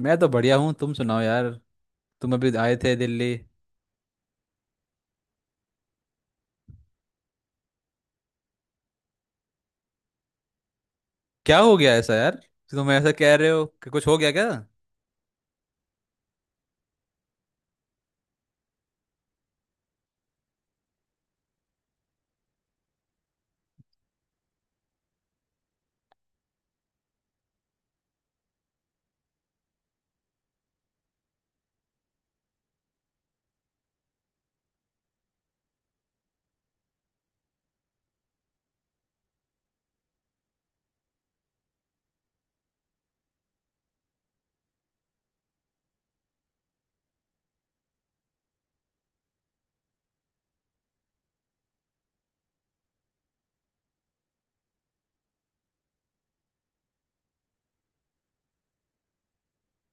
मैं तो बढ़िया हूँ, तुम सुनाओ यार। तुम अभी आए थे दिल्ली? क्या हो गया ऐसा यार? तुम ऐसा कह रहे हो कि कुछ हो गया क्या?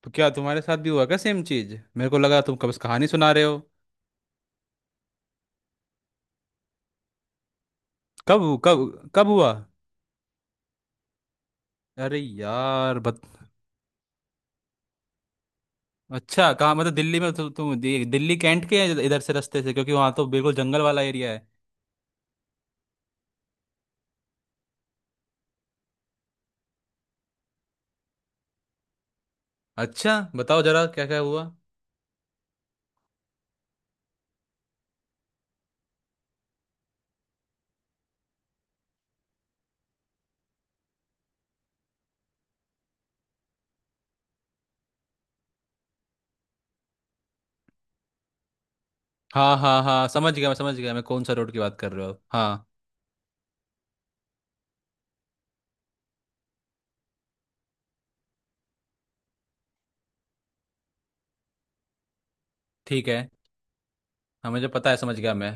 तो क्या तुम्हारे साथ भी हुआ क्या सेम चीज? मेरे को लगा तुम कब से कहानी सुना रहे हो। कब कब कब हुआ? अरे यार। बत अच्छा कहाँ, मतलब दिल्ली में तुम दिल्ली कैंट के हैं, इधर से रास्ते से, क्योंकि वहाँ तो बिल्कुल जंगल वाला एरिया है। अच्छा बताओ जरा क्या क्या हुआ। हाँ हाँ हाँ, समझ गया मैं, समझ गया मैं कौन सा रोड की बात कर रहे हो, हाँ। ठीक है। हाँ मुझे पता है, समझ गया मैं।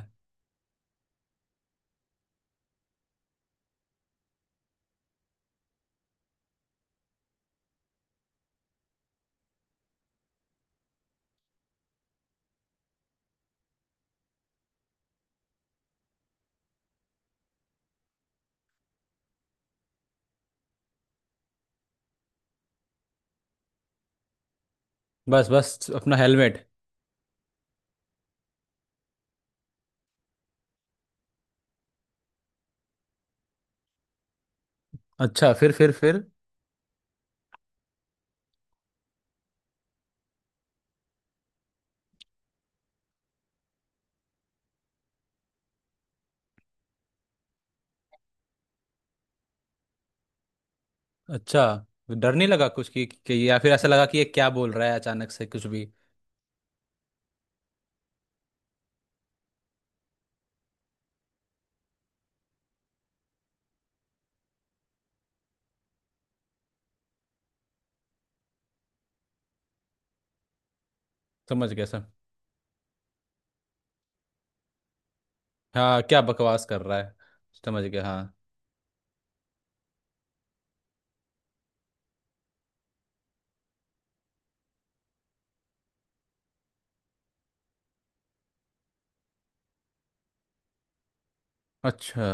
बस बस। अपना हेलमेट। अच्छा फिर फिर? अच्छा, डर नहीं लगा कुछ कि या फिर ऐसा लगा कि ये क्या बोल रहा है अचानक से कुछ भी? समझ गया सर। हाँ क्या बकवास कर रहा है। समझ गया हाँ। अच्छा।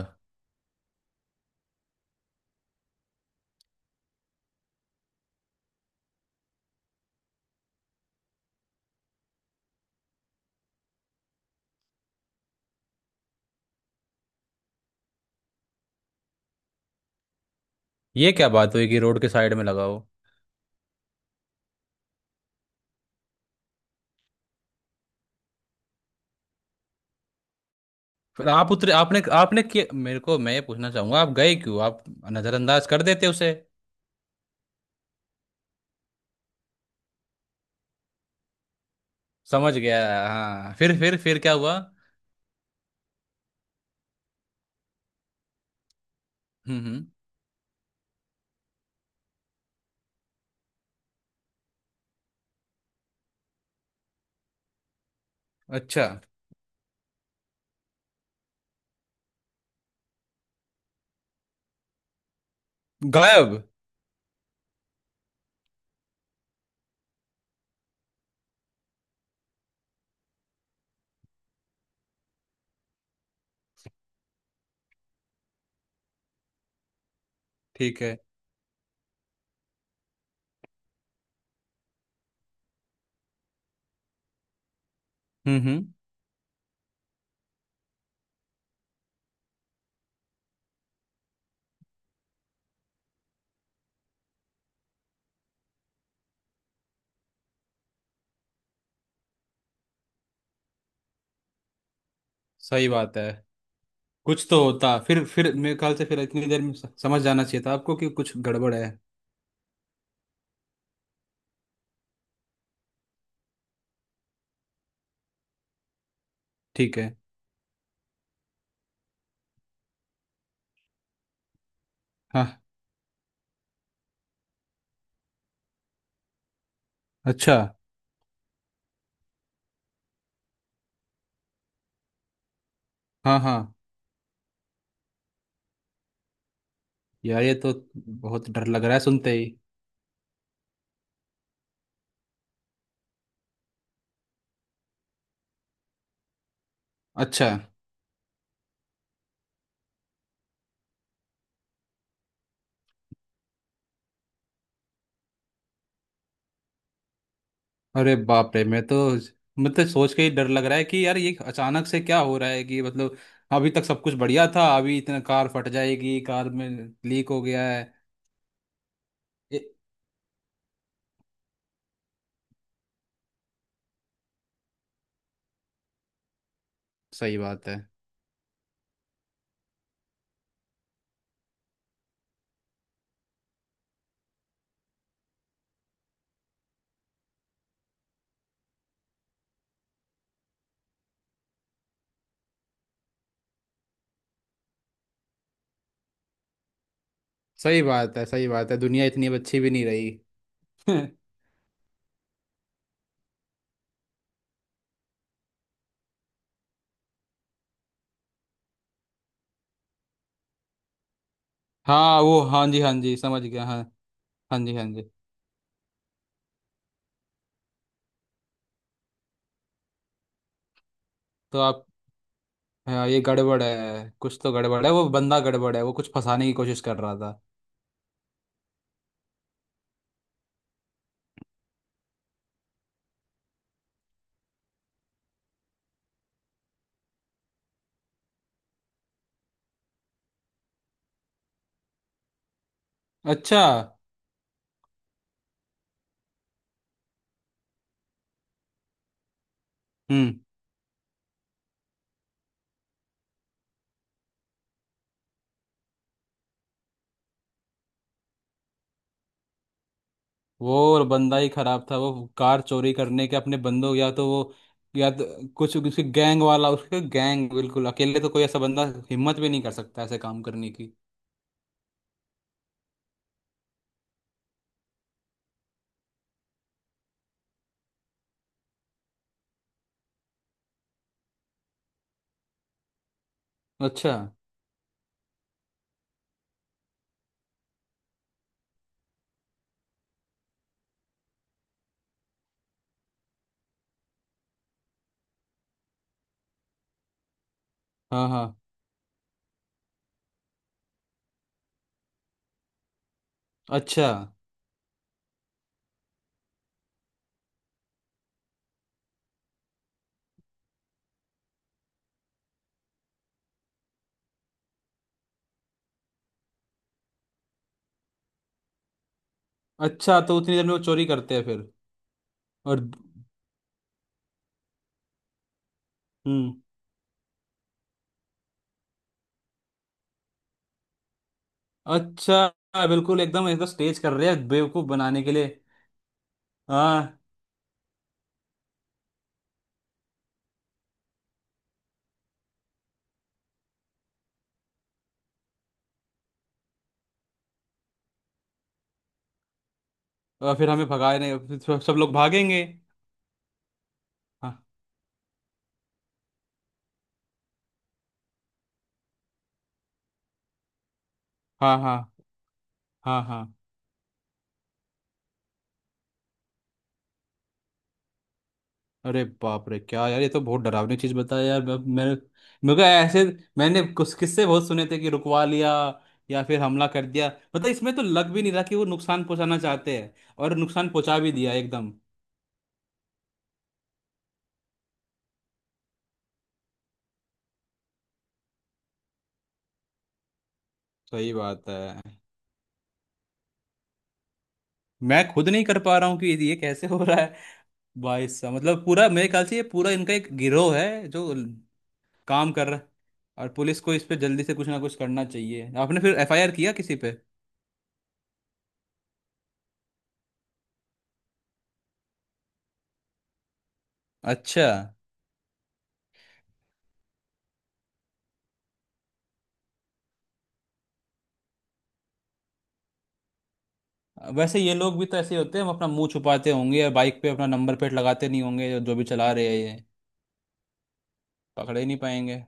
ये क्या बात हुई कि रोड के साइड में लगा हो? फिर आप उतरे, आपने आपने कि मेरे को, मैं ये पूछना चाहूंगा आप गए क्यों आप? नजरअंदाज कर देते उसे। समझ गया हाँ। फिर क्या हुआ? हम्म। अच्छा। गायब? ठीक है। हम्म। सही बात है, कुछ तो होता, फिर मेरे ख्याल से, फिर इतनी देर में समझ जाना चाहिए था आपको कि कुछ गड़बड़ है। ठीक है। हाँ। अच्छा। हाँ हाँ। यार ये तो बहुत डर लग रहा है सुनते ही। अच्छा। अरे बाप रे मैं तो, मतलब सोच के ही डर लग रहा है कि यार ये अचानक से क्या हो रहा है, कि मतलब अभी तक सब कुछ बढ़िया था, अभी इतना कार फट जाएगी, कार में लीक हो गया है। ये- सही बात है, सही बात है, सही बात है। दुनिया इतनी अब अच्छी भी नहीं रही। हाँ वो, हाँ जी हाँ जी, समझ गया हाँ। हाँ जी हाँ जी, तो आप, हाँ, ये गड़बड़ है, कुछ तो गड़बड़ है, वो बंदा गड़बड़ है, वो कुछ फंसाने की कोशिश कर रहा था। अच्छा। हम्म। वो बंदा ही खराब था, वो कार चोरी करने के अपने बंदों, या तो वो, या तो कुछ उसके गैंग वाला, उसके गैंग, बिल्कुल अकेले तो कोई ऐसा बंदा हिम्मत भी नहीं कर सकता ऐसे काम करने की। अच्छा। हाँ हाँ। अच्छा। अच्छा तो उतनी देर में वो चोरी करते हैं फिर? और। हम्म। अच्छा, बिल्कुल एकदम एकदम स्टेज कर रहे हैं बेवकूफ बनाने के लिए। हाँ। और फिर हमें भगाने, फिर सब सब लोग भागेंगे। हाँ हाँ। हाँ हाँ। हाँ। अरे बाप रे क्या यार, ये तो बहुत डरावनी चीज बताया यार, मेरे को ऐसे, मैंने कुछ किस्से बहुत सुने थे कि रुकवा लिया या फिर हमला कर दिया। मतलब इसमें तो लग भी नहीं रहा कि वो नुकसान पहुंचाना चाहते हैं, और नुकसान पहुंचा भी दिया एकदम। सही बात है। मैं खुद नहीं कर पा रहा हूँ कि ये कैसे हो रहा है। भाई साहब मतलब पूरा, मेरे ख्याल से ये पूरा इनका एक गिरोह है जो काम कर रहा है, और पुलिस को इस पे जल्दी से कुछ ना कुछ करना चाहिए। आपने फिर एफआईआर किया किसी पे? अच्छा। वैसे ये लोग भी तो ऐसे ही होते हैं, हम अपना मुंह छुपाते होंगे या बाइक पे अपना नंबर प्लेट लगाते नहीं होंगे, जो जो भी चला रहे हैं ये। पकड़े ही नहीं पाएंगे।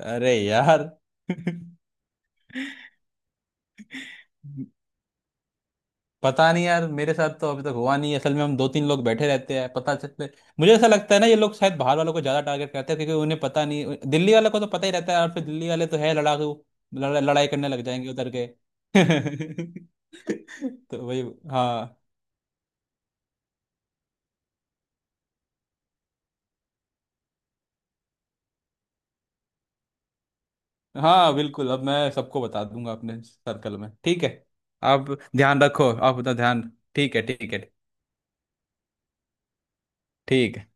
अरे यार। पता नहीं यार, मेरे साथ तो अभी तक हुआ नहीं है। असल में हम दो तीन लोग बैठे रहते हैं पता चलते। मुझे ऐसा लगता है ना, ये लोग शायद बाहर वालों को ज्यादा टारगेट करते हैं, क्योंकि उन्हें पता नहीं, दिल्ली वालों को तो पता ही रहता है, और फिर दिल्ली वाले तो है लड़ाकू। लड़ाई करने लग जाएंगे उधर के। तो वही। हाँ। हाँ बिल्कुल, अब मैं सबको बता दूंगा अपने सर्कल में, ठीक है। आप, ध्यान रखो आप अपना ध्यान। ठीक है, ठीक है, ठीक है।